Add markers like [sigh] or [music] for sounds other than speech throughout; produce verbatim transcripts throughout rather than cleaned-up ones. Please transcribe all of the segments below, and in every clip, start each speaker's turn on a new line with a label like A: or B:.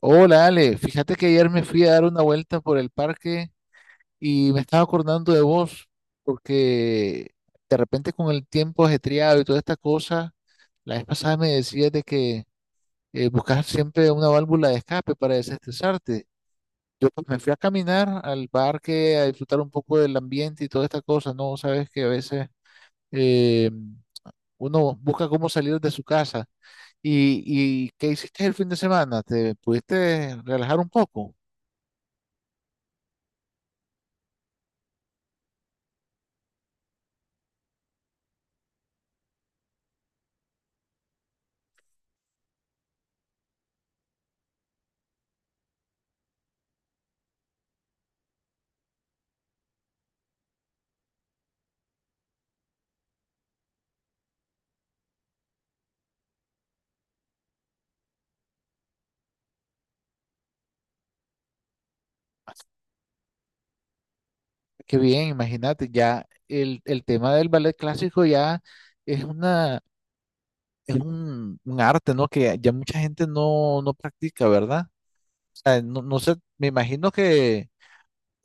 A: Hola Ale, fíjate que ayer me fui a dar una vuelta por el parque y me estaba acordando de vos, porque de repente con el tiempo ajetreado y toda esta cosa, la vez pasada me decías de que eh, buscas siempre una válvula de escape para desestresarte. Yo pues, me fui a caminar al parque a disfrutar un poco del ambiente y toda esta cosa, ¿no? Sabes que a veces eh, uno busca cómo salir de su casa. ¿Y, y qué hiciste el fin de semana? ¿Te pudiste relajar un poco? Qué bien, imagínate, ya el, el tema del ballet clásico ya es una, es un, un arte, ¿no? Que ya mucha gente no, no practica, ¿verdad? O sea, no, no sé, me imagino que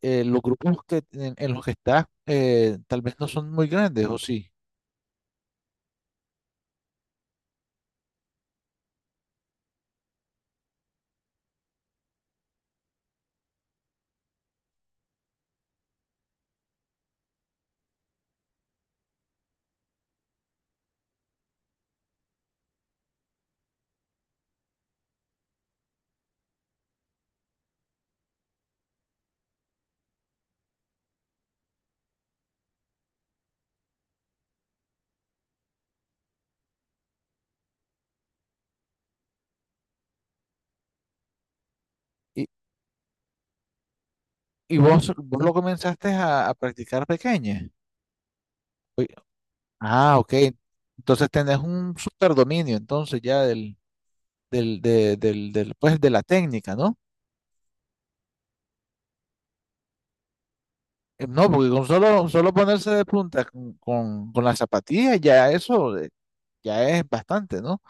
A: eh, los grupos que, en, en los que estás eh, tal vez no son muy grandes, ¿o sí? Y, y vos, vos lo comenzaste a, a practicar pequeña. Oye, ah, ok. Entonces tenés un superdominio, entonces ya del, del, de- del, del, pues, de la técnica, ¿no? Eh, No, porque con solo, solo ponerse de punta con, con, con las zapatillas, ya eso eh, ya es bastante, ¿no?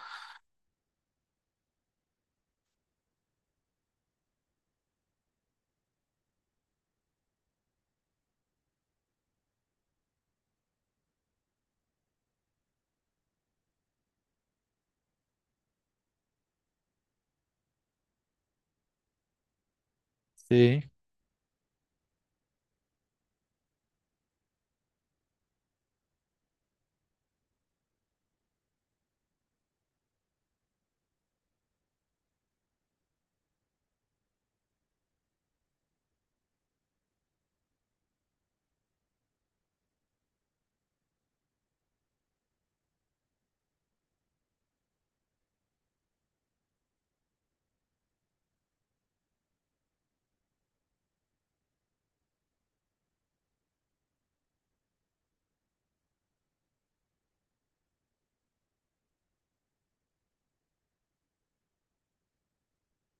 A: Sí.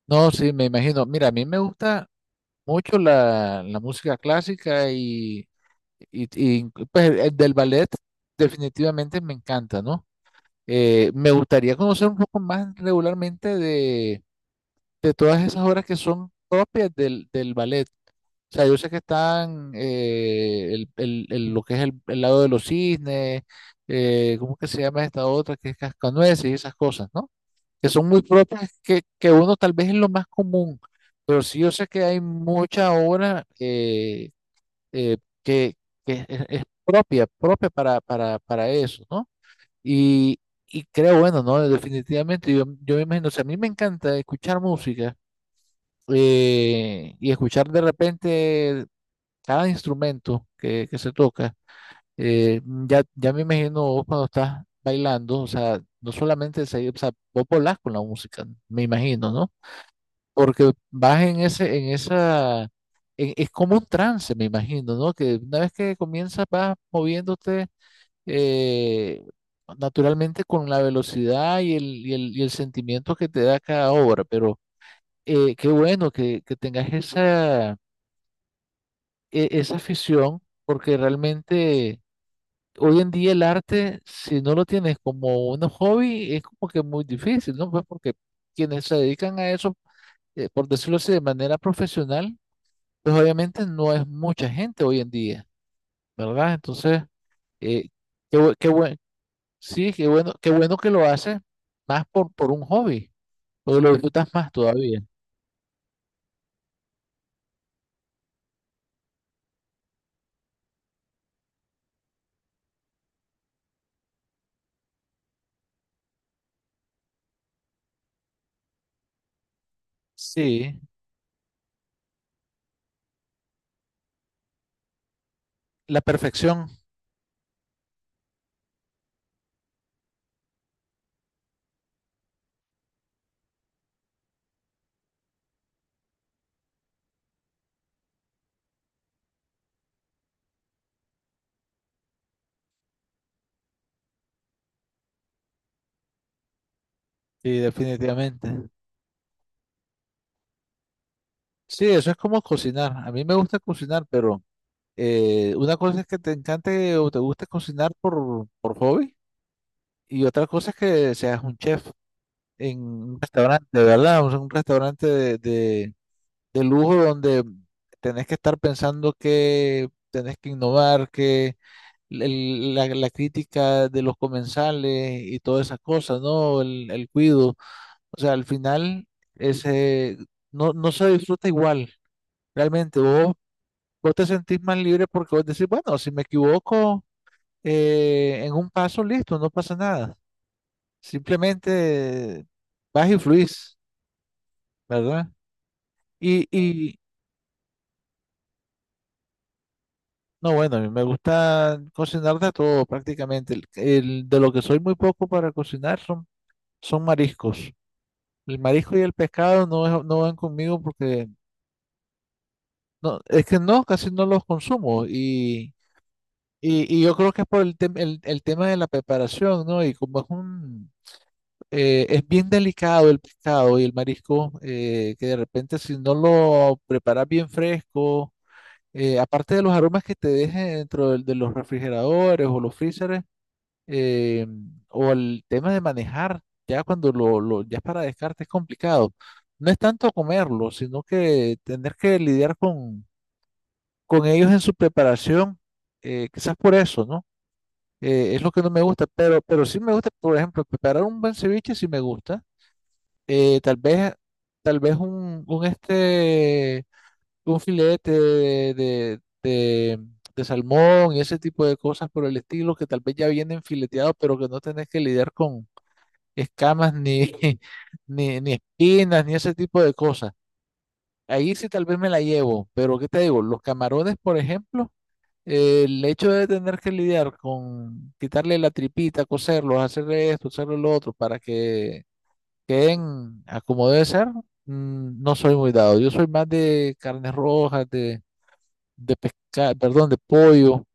A: No, sí, me imagino. Mira, a mí me gusta mucho la, la música clásica y, y, y, pues el del ballet definitivamente me encanta, ¿no? Eh, me gustaría conocer un poco más regularmente de, de todas esas obras que son propias del, del ballet. O sea, yo sé que están eh, el, el- el- lo que es el, el lado de los cisnes, eh, ¿cómo que se llama esta otra? Que es cascanueces y esas cosas, ¿no? Que son muy propias, que, que uno tal vez es lo más común, pero sí yo sé que hay mucha obra eh, eh, que, que es, es propia, propia para, para, para eso, ¿no? Y, y creo, bueno, ¿no? Definitivamente, yo, yo me imagino, o sea, a mí me encanta escuchar música eh, y escuchar de repente cada instrumento que, que se toca, eh, ya, ya me imagino vos cuando estás bailando, o sea, no solamente se, o sea, vos volás con la música, me imagino, ¿no? Porque vas en ese, en esa, en- es como un trance, me imagino, ¿no? Que una vez que comienzas vas moviéndote eh, naturalmente con la velocidad y el, y el, y el sentimiento que te da cada obra, pero eh, qué bueno que, que tengas esa, e- esa afición, porque realmente hoy en día el arte, si no lo tienes como un hobby, es como que muy difícil, ¿no? Pues porque quienes se dedican a eso, eh, por decirlo así, de manera profesional, pues obviamente no es mucha gente hoy en día, ¿verdad? Entonces, eh, qué, bu- qué buen- sí, qué bueno, qué bueno que lo haces más por, por un hobby, porque lo disfrutas más todavía. Sí, la perfección, sí, definitivamente. Sí, eso es como cocinar. A mí me gusta cocinar, pero... Eh, una cosa es que te encante o te guste cocinar por, por hobby y otra cosa es que seas un chef en un restaurante, ¿verdad? O sea, un restaurante de, de, de lujo donde tenés que estar pensando que tenés que innovar, que el- la, la crítica de los comensales y todas esas cosas, ¿no? El, el cuido. O sea, al final ese, no, no se disfruta igual, realmente. Vos, vos te sentís más libre porque vos decís, bueno, si me equivoco... eh, en un paso, listo, no pasa nada. Simplemente vas y fluís, ¿verdad? Y, y no, bueno, a mí me gusta cocinar de todo prácticamente. El, el- de lo que soy muy poco para cocinar son, son mariscos. El marisco y el pescado no, es- no van conmigo porque no, es que no, casi no los consumo. Y, y, y yo creo que es por el, tem- el, el tema de la preparación, ¿no? Y como es un... eh, es bien delicado el pescado y el marisco, eh, que de repente si no lo preparas bien fresco, eh, aparte de los aromas que te dejen dentro del- de, los refrigeradores o los freezers, eh, o el tema de manejar, ya cuando lo, lo ya es para descarte es complicado. No es tanto comerlo, sino que tener que lidiar con, con ellos en su preparación, eh, quizás por eso, ¿no? Eh, es lo que no me gusta, pero, pero sí me gusta, por ejemplo, preparar un buen ceviche sí me gusta eh, tal vez, tal vez un, un este, un filete de, de, de- de salmón y ese tipo de cosas por el estilo que tal vez ya vienen fileteados, pero que no tenés que lidiar con escamas ni, [laughs] ni, ni espinas ni ese tipo de cosas. Ahí sí tal vez me la llevo, pero ¿qué te digo? Los camarones, por ejemplo, eh, el hecho de tener que lidiar con quitarle la tripita, coserlos, hacerle esto, hacerle lo otro, para que queden a como debe ser, mm, no soy muy dado. Yo soy más de carnes rojas, de, de pescado, perdón, de pollo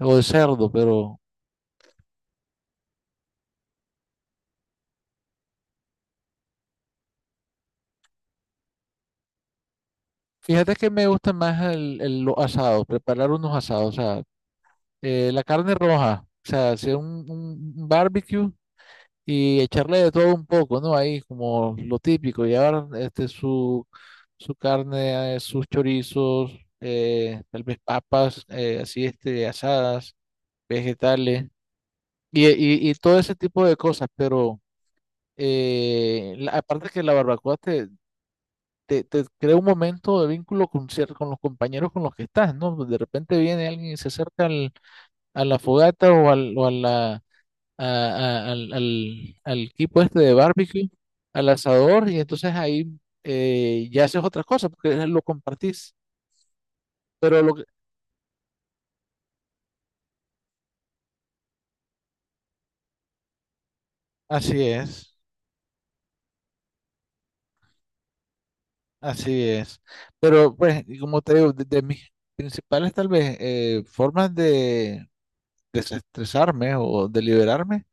A: o de cerdo, pero fíjate que me gusta más el, el- los asados, preparar unos asados, o sea, eh, la carne roja, o sea, hacer un, un- un barbecue y echarle de todo un poco, ¿no? Ahí como lo típico, llevar este su, su carne, eh, sus chorizos, eh, tal vez papas, eh, así este, asadas, vegetales. Y, y, y todo ese tipo de cosas, pero eh, la- aparte que la barbacoa te, te, te crea un momento de vínculo con, cier- con los compañeros con los que estás, ¿no? De repente viene alguien y se acerca al, a la fogata o, al, o a la, a- a- al, al, al equipo este de barbecue, al asador, y entonces ahí eh, ya haces otras cosas porque lo compartís. Pero lo que- así es, así es. Pero pues, y como te digo, de, de mis principales tal vez eh, formas de desestresarme o deliberarme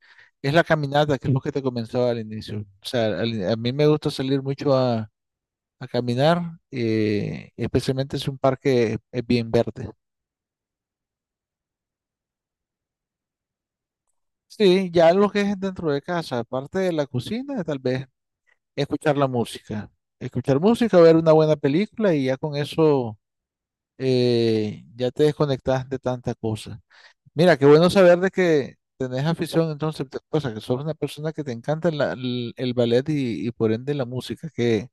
A: es la caminata, que es lo que te comentaba al inicio. O sea, al- a mí me gusta salir mucho a, a caminar, eh, especialmente si un parque es bien verde. Sí, ya lo que es dentro de casa, aparte de la cocina, tal vez escuchar la música. Escuchar música, ver una buena película y ya con eso eh, ya te desconectas de tanta cosa. Mira, qué bueno saber de que tenés afición, entonces, te- o sea, que sos una persona que te encanta la- el, el ballet y, y por ende la música, que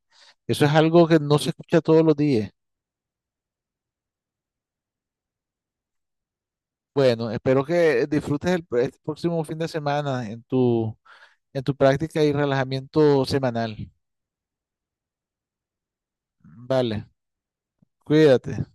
A: eso es algo que no se escucha todos los días. Bueno, espero que disfrutes el, pr- este próximo fin de semana en tu, en tu práctica y relajamiento semanal. Vale, cuídate.